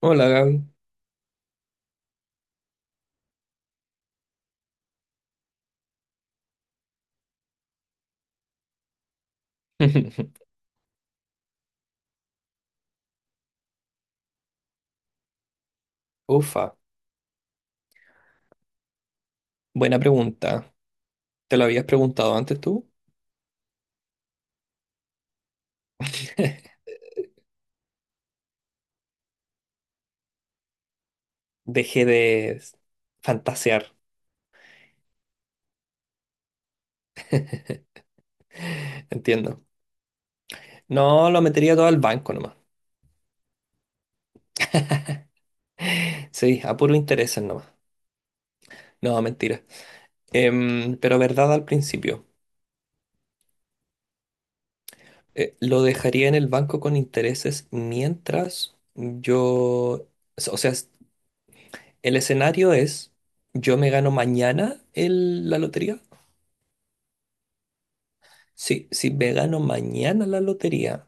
Hola, Gaby. Ufa, buena pregunta. ¿Te lo habías preguntado antes tú? Dejé de fantasear. entiendo. No, lo metería todo al banco nomás. Sí, a puro interés nomás. No, mentira. Pero verdad al principio, lo dejaría en el banco con intereses mientras yo... O sea, el escenario es, yo me gano mañana la lotería. Sí, si me gano mañana la lotería.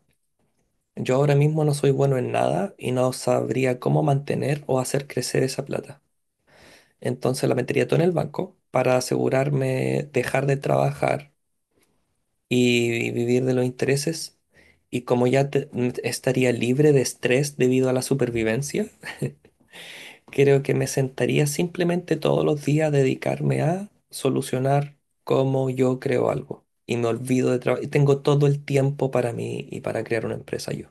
Yo ahora mismo no soy bueno en nada y no sabría cómo mantener o hacer crecer esa plata. Entonces la metería todo en el banco para asegurarme dejar de trabajar y vivir de los intereses. Y como ya estaría libre de estrés debido a la supervivencia, creo que me sentaría simplemente todos los días a dedicarme a solucionar cómo yo creo algo. Y me olvido de trabajar. Y tengo todo el tiempo para mí y para crear una empresa yo.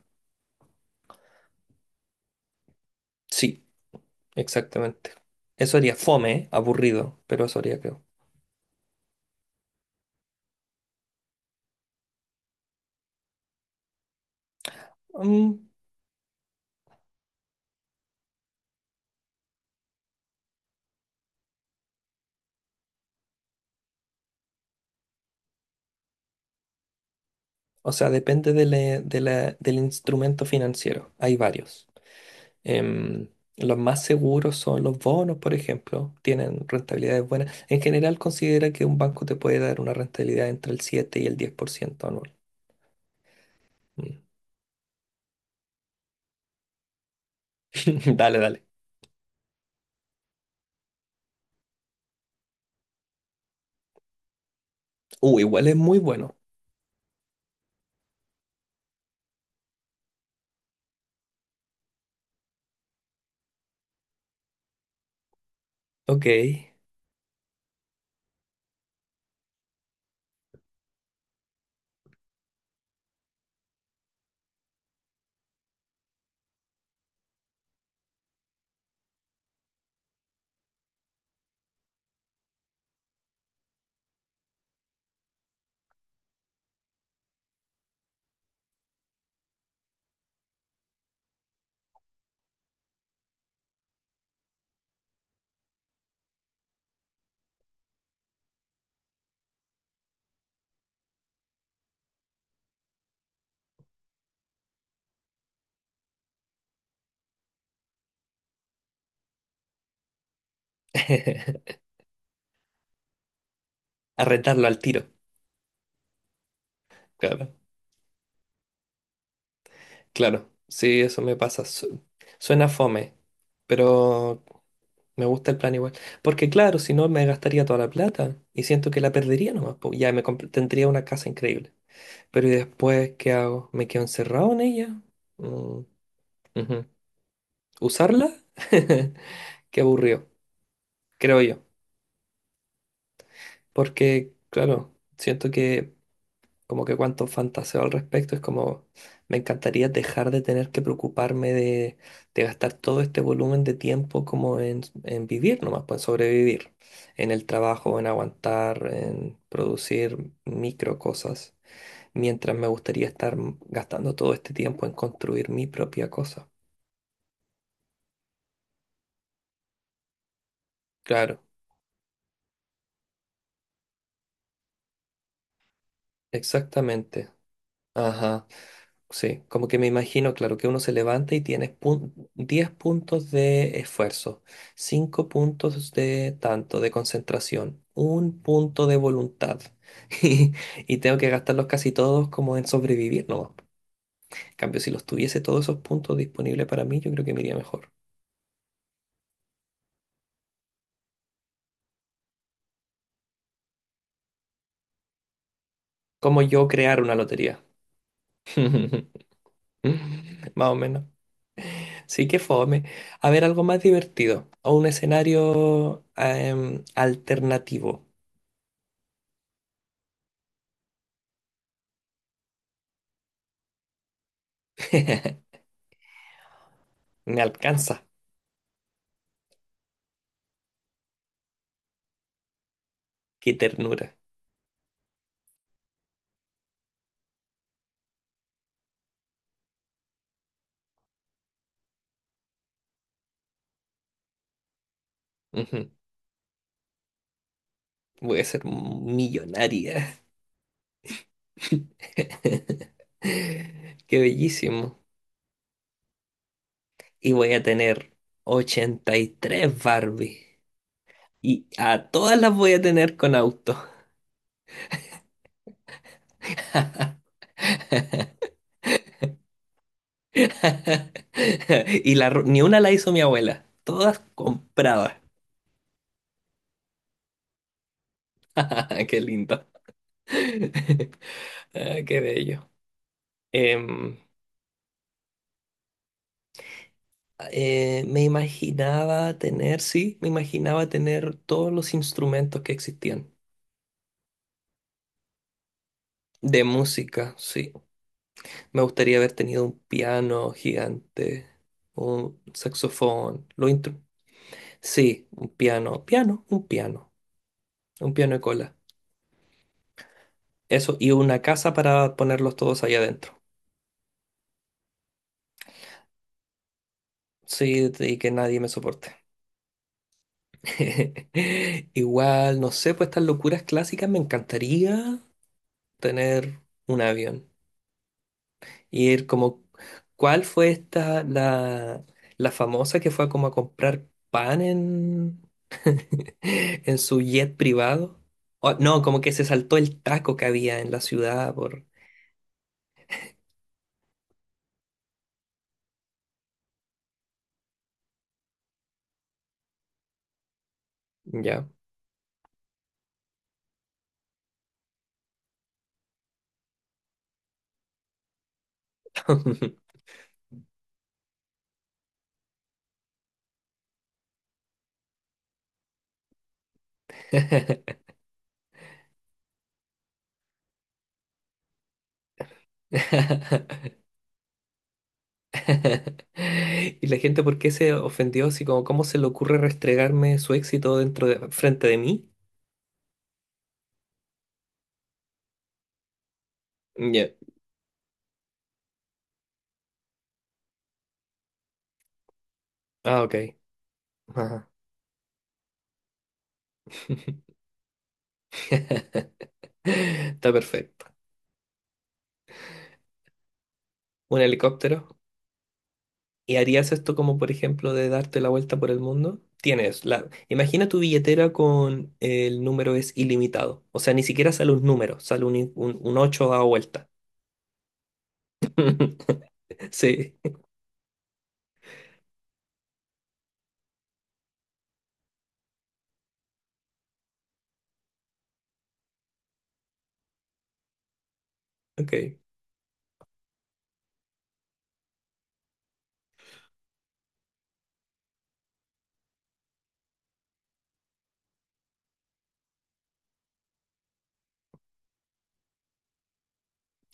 Sí. Exactamente. Eso haría fome, ¿eh? Aburrido, pero eso haría, creo. Mm, o sea, depende del instrumento financiero. Hay varios. Em, los más seguros son los bonos, por ejemplo. Tienen rentabilidades buenas. En general, considera que un banco te puede dar una rentabilidad entre el 7 y el 10% anual. Mm. Dale, dale. Igual es muy bueno. Ok. Arrendarlo al tiro. Claro, claro. Sí, eso me pasa. Suena fome, pero me gusta el plan igual. Porque claro, si no me gastaría toda la plata y siento que la perdería nomás, po. Ya tendría una casa increíble. Pero ¿y después qué hago? ¿Me quedo encerrado en ella? Mm, ujú. ¿Usarla? Qué aburrido, creo yo. Porque claro, siento que como que cuánto fantaseo al respecto, es como me encantaría dejar de tener que preocuparme de gastar todo este volumen de tiempo como en vivir nomás, pues en sobrevivir, en el trabajo, en aguantar, en producir micro cosas, mientras me gustaría estar gastando todo este tiempo en construir mi propia cosa. Claro, exactamente. Ajá. Sí, como que me imagino, claro, que uno se levanta y tienes 10 puntos de esfuerzo, 5 puntos de tanto, de concentración, un punto de voluntad. Y, y tengo que gastarlos casi todos como en sobrevivir, ¿no? En cambio, si los tuviese todos esos puntos disponibles para mí, yo creo que me iría mejor. Como yo crear una lotería. Más o menos. Sí, que fome. A ver, algo más divertido o un escenario alternativo. Me alcanza. Qué ternura. Ujú. Voy a ser millonaria. Qué bellísimo. Y voy a tener 83 Barbie. Y a todas las voy a tener con auto. Y ni una la hizo mi abuela. Todas compradas. Qué lindo. Ah, qué bello. Em, me imaginaba tener, sí, me imaginaba tener todos los instrumentos que existían. De música, sí. Me gustaría haber tenido un piano gigante, un saxofón, lo intro. Sí, un piano, piano, un piano, un piano de cola. Eso, y una casa para ponerlos todos ahí adentro. Sí, y que nadie me soporte. Igual, no sé, pues estas locuras clásicas me encantaría tener un avión. Y él como, ¿cuál fue esta, la famosa que fue como a comprar pan en, en su jet privado? No, como que se saltó el taco que había en la ciudad por... Ya. Y la gente, ¿por qué se ofendió? Así como, ¿cómo se le ocurre restregarme su éxito dentro de, frente de mí? Ya. Ah, ok. Ajá. Está perfecto. Un helicóptero. ¿Y harías esto como, por ejemplo, de darte la vuelta por el mundo? Tienes la... Imagina tu billetera con el número es ilimitado. O sea, ni siquiera sale un número, sale un ocho dado vuelta. Sí, ok.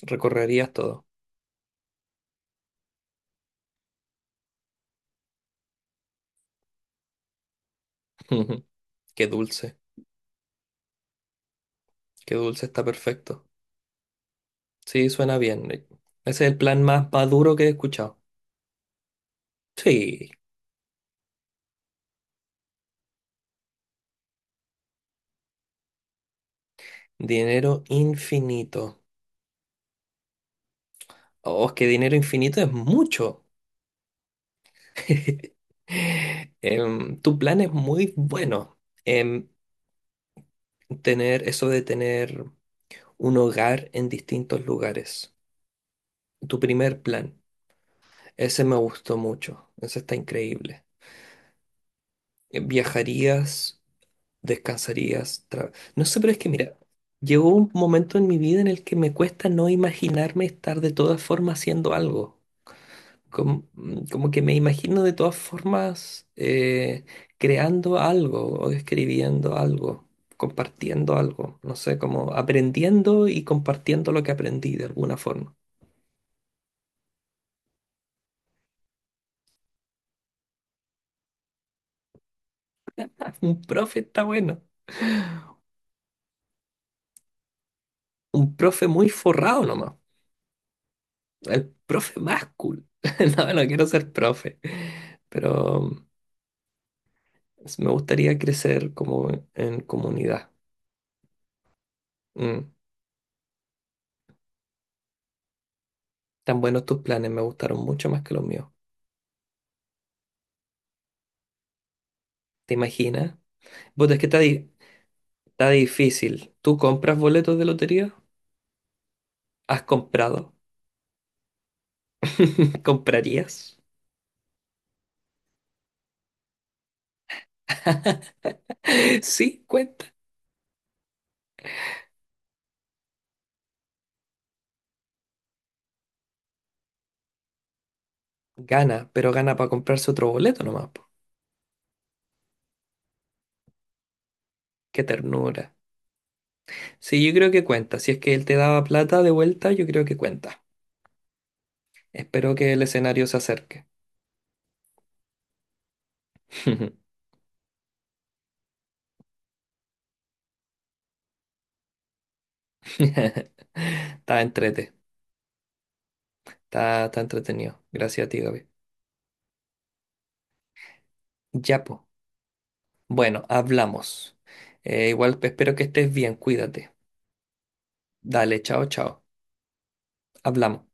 Recorrerías todo. Qué dulce, qué dulce, está perfecto. Sí, suena bien. Ese es el plan más maduro que he escuchado. Sí, dinero infinito. Oh, es que dinero infinito es mucho. Tu plan es muy bueno en tener eso de tener un hogar en distintos lugares. Tu primer plan, ese me gustó mucho, ese está increíble. Viajarías, descansarías, no sé, pero es que mira, llegó un momento en mi vida en el que me cuesta no imaginarme estar de todas formas haciendo algo. com- Como que me imagino de todas formas creando algo o escribiendo algo, compartiendo algo, no sé, como aprendiendo y compartiendo lo que aprendí de alguna forma. Un profe está bueno, un profe muy forrado nomás, el profe más cool. No, no quiero ser profe, pero me gustaría crecer como en comunidad. Mm. Tan buenos tus planes, me gustaron mucho más que los míos. ¿Te imaginas? Vos, es que está ahí. Está difícil. ¿Tú compras boletos de lotería? ¿Has comprado? ¿Comprarías? Sí, cuenta. Gana, pero gana para comprarse otro boleto nomás, po. Qué ternura. Sí, yo creo que cuenta. Si es que él te daba plata de vuelta, yo creo que cuenta. Espero que el escenario se acerque. Está entrete. Está entretenido. Gracias a ti, Gaby. Ya, po. Bueno, hablamos. Igual espero que estés bien. Cuídate. Dale, chao, chao. Hablamos.